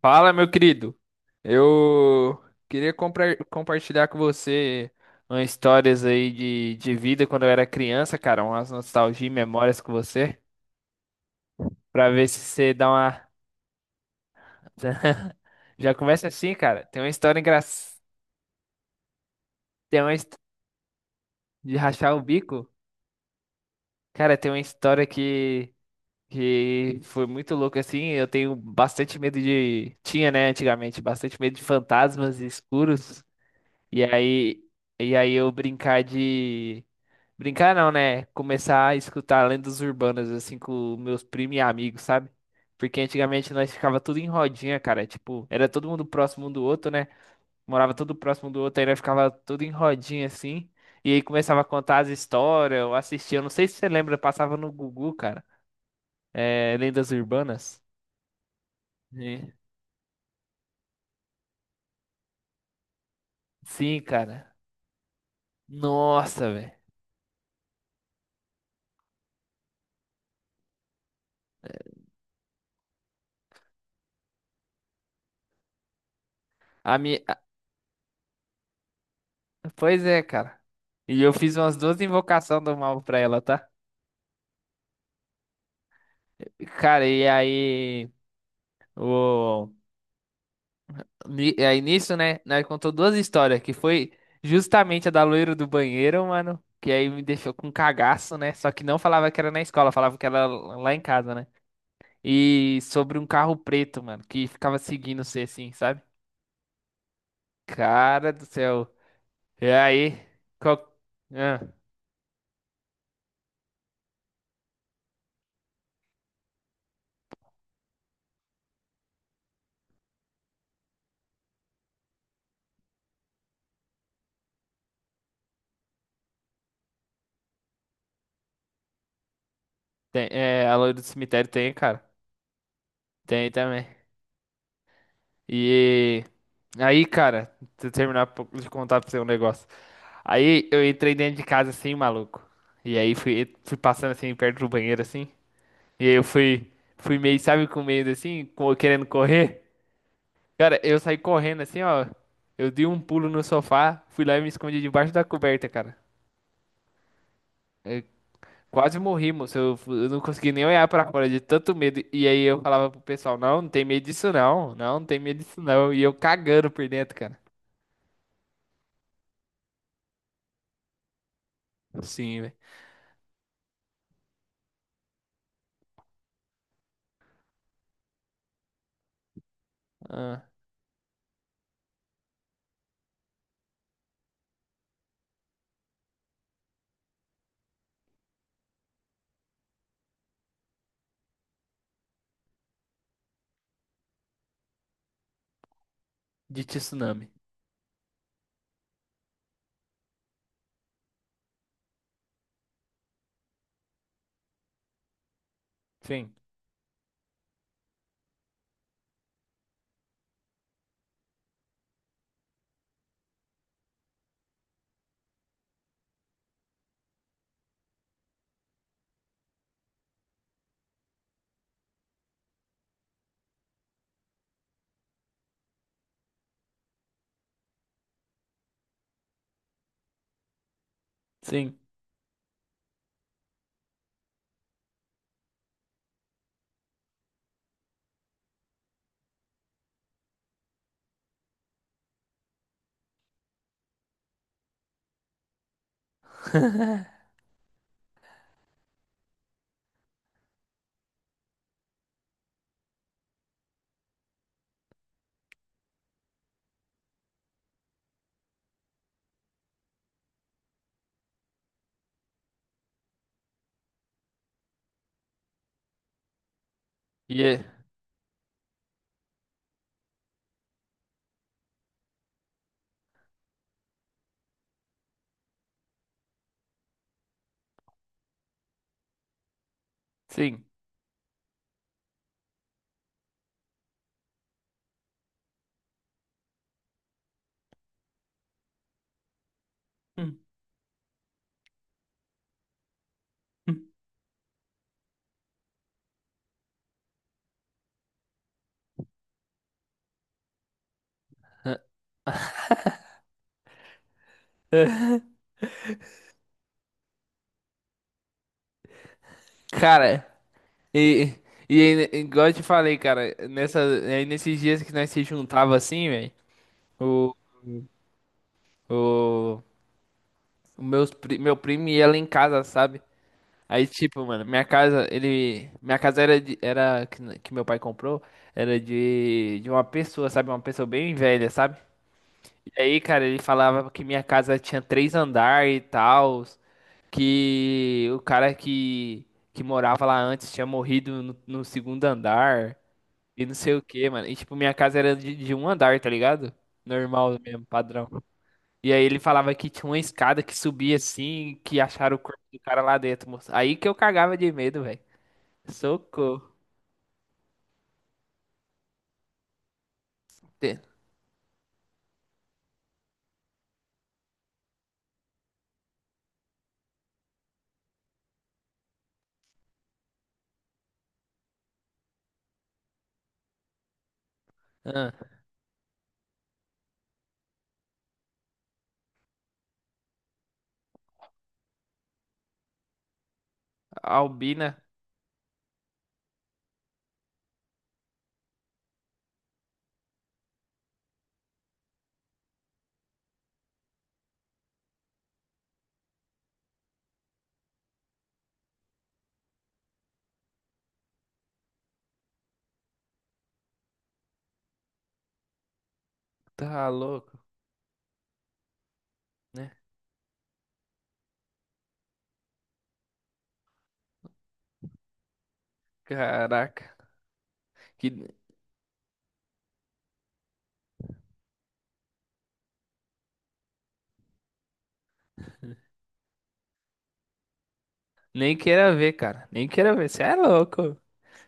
Fala, meu querido. Eu queria compartilhar com você umas histórias aí de vida quando eu era criança, cara, umas nostalgia e memórias com você, pra ver se você dá uma. Já começa assim, cara. Tem uma história engraçada. Tem uma his- de rachar o bico. Cara, tem uma história que foi muito louca assim. Eu tenho bastante medo de. Tinha, né, antigamente, bastante medo de fantasmas escuros. E aí, e aí eu brincar de. Brincar não, né? Começar a escutar lendas urbanas, assim, com meus primos e amigos, sabe? Porque antigamente nós ficava tudo em rodinha, cara. Tipo, era todo mundo próximo um do outro, né? Morava todo próximo um do outro, aí nós ficava tudo em rodinha, assim. E aí começava a contar as histórias, ou assistia. Eu não sei se você lembra, passava no Gugu, cara. É, lendas urbanas. É. Sim, cara. Nossa, velho. A minha... Pois é, cara. E eu fiz umas duas invocações do mal pra ela, tá? Cara, e aí. O... Aí nisso, né? Nós contou duas histórias, que foi justamente a da loira do banheiro, mano. Que aí me deixou com um cagaço, né? Só que não falava que era na escola, falava que era lá em casa, né? E sobre um carro preto, mano, que ficava seguindo você assim, sabe? Cara do céu. E aí? Qual... Ah, é, a loira do cemitério tem, cara. Tem também. E aí, cara, se eu terminar de contar pra você um negócio. Aí eu entrei dentro de casa assim, maluco. E aí fui passando assim, perto do banheiro, assim. E aí eu fui meio, sabe, com medo assim, querendo correr. Cara, eu saí correndo assim, ó. Eu dei um pulo no sofá, fui lá e me escondi debaixo da coberta, cara. Eu quase morri, moço. Eu não consegui nem olhar pra fora de tanto medo. E aí eu falava pro pessoal, não, não tem medo disso não. Não, não tem medo disso não. E eu cagando por dentro, cara. Sim, velho. Ah, de tsunami. Sim. Sim. E é- Sim. Hum, hum. Cara, e, e aí, né, igual eu te falei, cara, aí nesses dias que nós se juntava assim, velho, o, o, meu primo ia lá em casa, sabe? Aí, tipo, mano, minha casa era, de, era que, n- que meu pai comprou, era de uma pessoa, sabe? Uma pessoa bem velha, sabe? E aí, cara, ele falava que minha casa tinha três andares e tal, que o cara que morava lá antes tinha morrido no segundo andar e não sei o que, mano. E tipo, minha casa era de um andar, tá ligado? Normal mesmo, padrão. E aí ele falava que tinha uma escada que subia assim, que acharam o corpo do cara lá dentro, moço. Aí que eu cagava de medo, velho. Socorro. Te- Ah, Albina, tá louco, né? Caraca. Que... Nem queira ver, cara. Nem queira ver. Você é louco.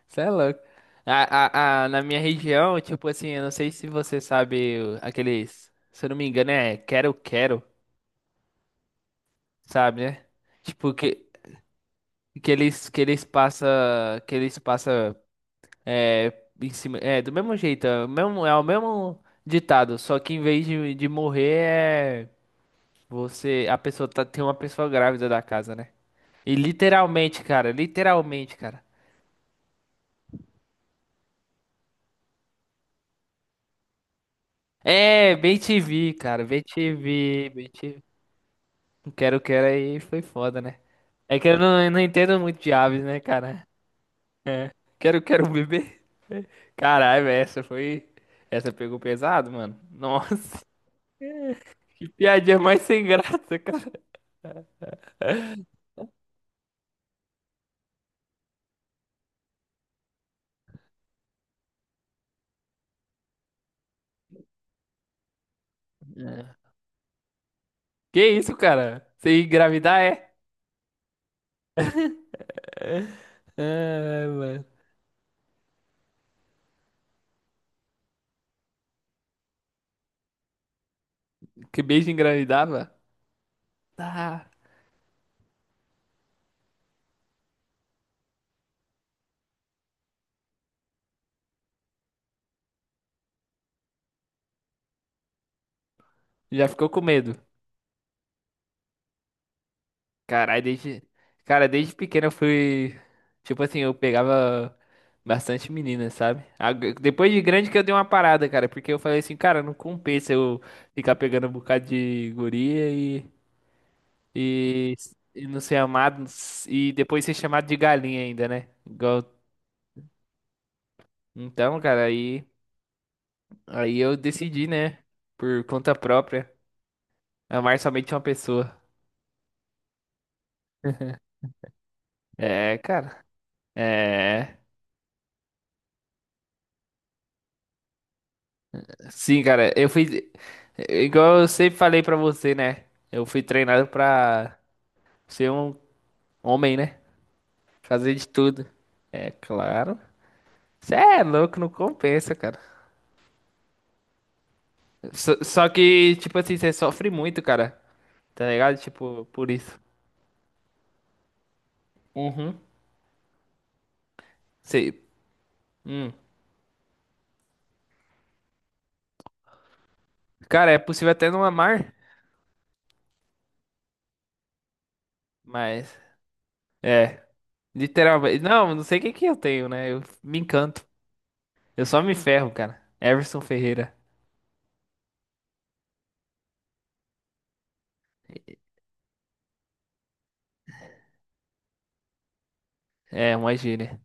Você é louco. Na minha região, tipo assim, eu não sei se você sabe aqueles. Se eu não me engano, é quero, quero, sabe, né? Tipo, que eles passam. Que eles passam. É, em cima. É, do mesmo jeito. É o mesmo ditado. Só que em vez de morrer, é. Você. Tem uma pessoa grávida da casa, né? E literalmente, cara. Literalmente, cara. É, bem te vi, cara. Bem te vi, bem O Quero Quero aí foi foda, né? É que eu não entendo muito de aves, né, cara? É. Quero Quero bebê. Caralho, velho, essa foi. Essa pegou pesado, mano. Nossa, que piadinha mais sem graça, cara. É. Que isso, cara? Você engravidar é? É, mano. Que beijo engravidava? Tá. Já ficou com medo. Caralho, desde. Cara, desde pequeno eu fui. Tipo assim, eu pegava bastante meninas, sabe? Depois de grande que eu dei uma parada, cara, porque eu falei assim, cara, não compensa eu ficar pegando um bocado de guria e. E, e não ser amado e depois ser chamado de galinha ainda, né? Então, cara, aí. Aí eu decidi, né? Por conta própria, amar somente uma pessoa. É, cara. É. Sim, cara, eu fui. Igual eu sempre falei pra você, né? Eu fui treinado pra ser um homem, né? Fazer de tudo. É claro. Você é louco, não compensa, cara. Só que, tipo assim, você sofre muito, cara. Tá ligado? Tipo, por isso. Uhum. Sei. Hum. Cara, é possível até não amar, mas. É. Literalmente. Não, não sei o que que eu tenho, né? Eu me encanto. Eu só me ferro, cara. Everson Ferreira. É, uma gíria.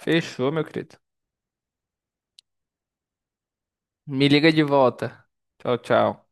Fechou, meu querido. Me liga de volta. Tchau, tchau.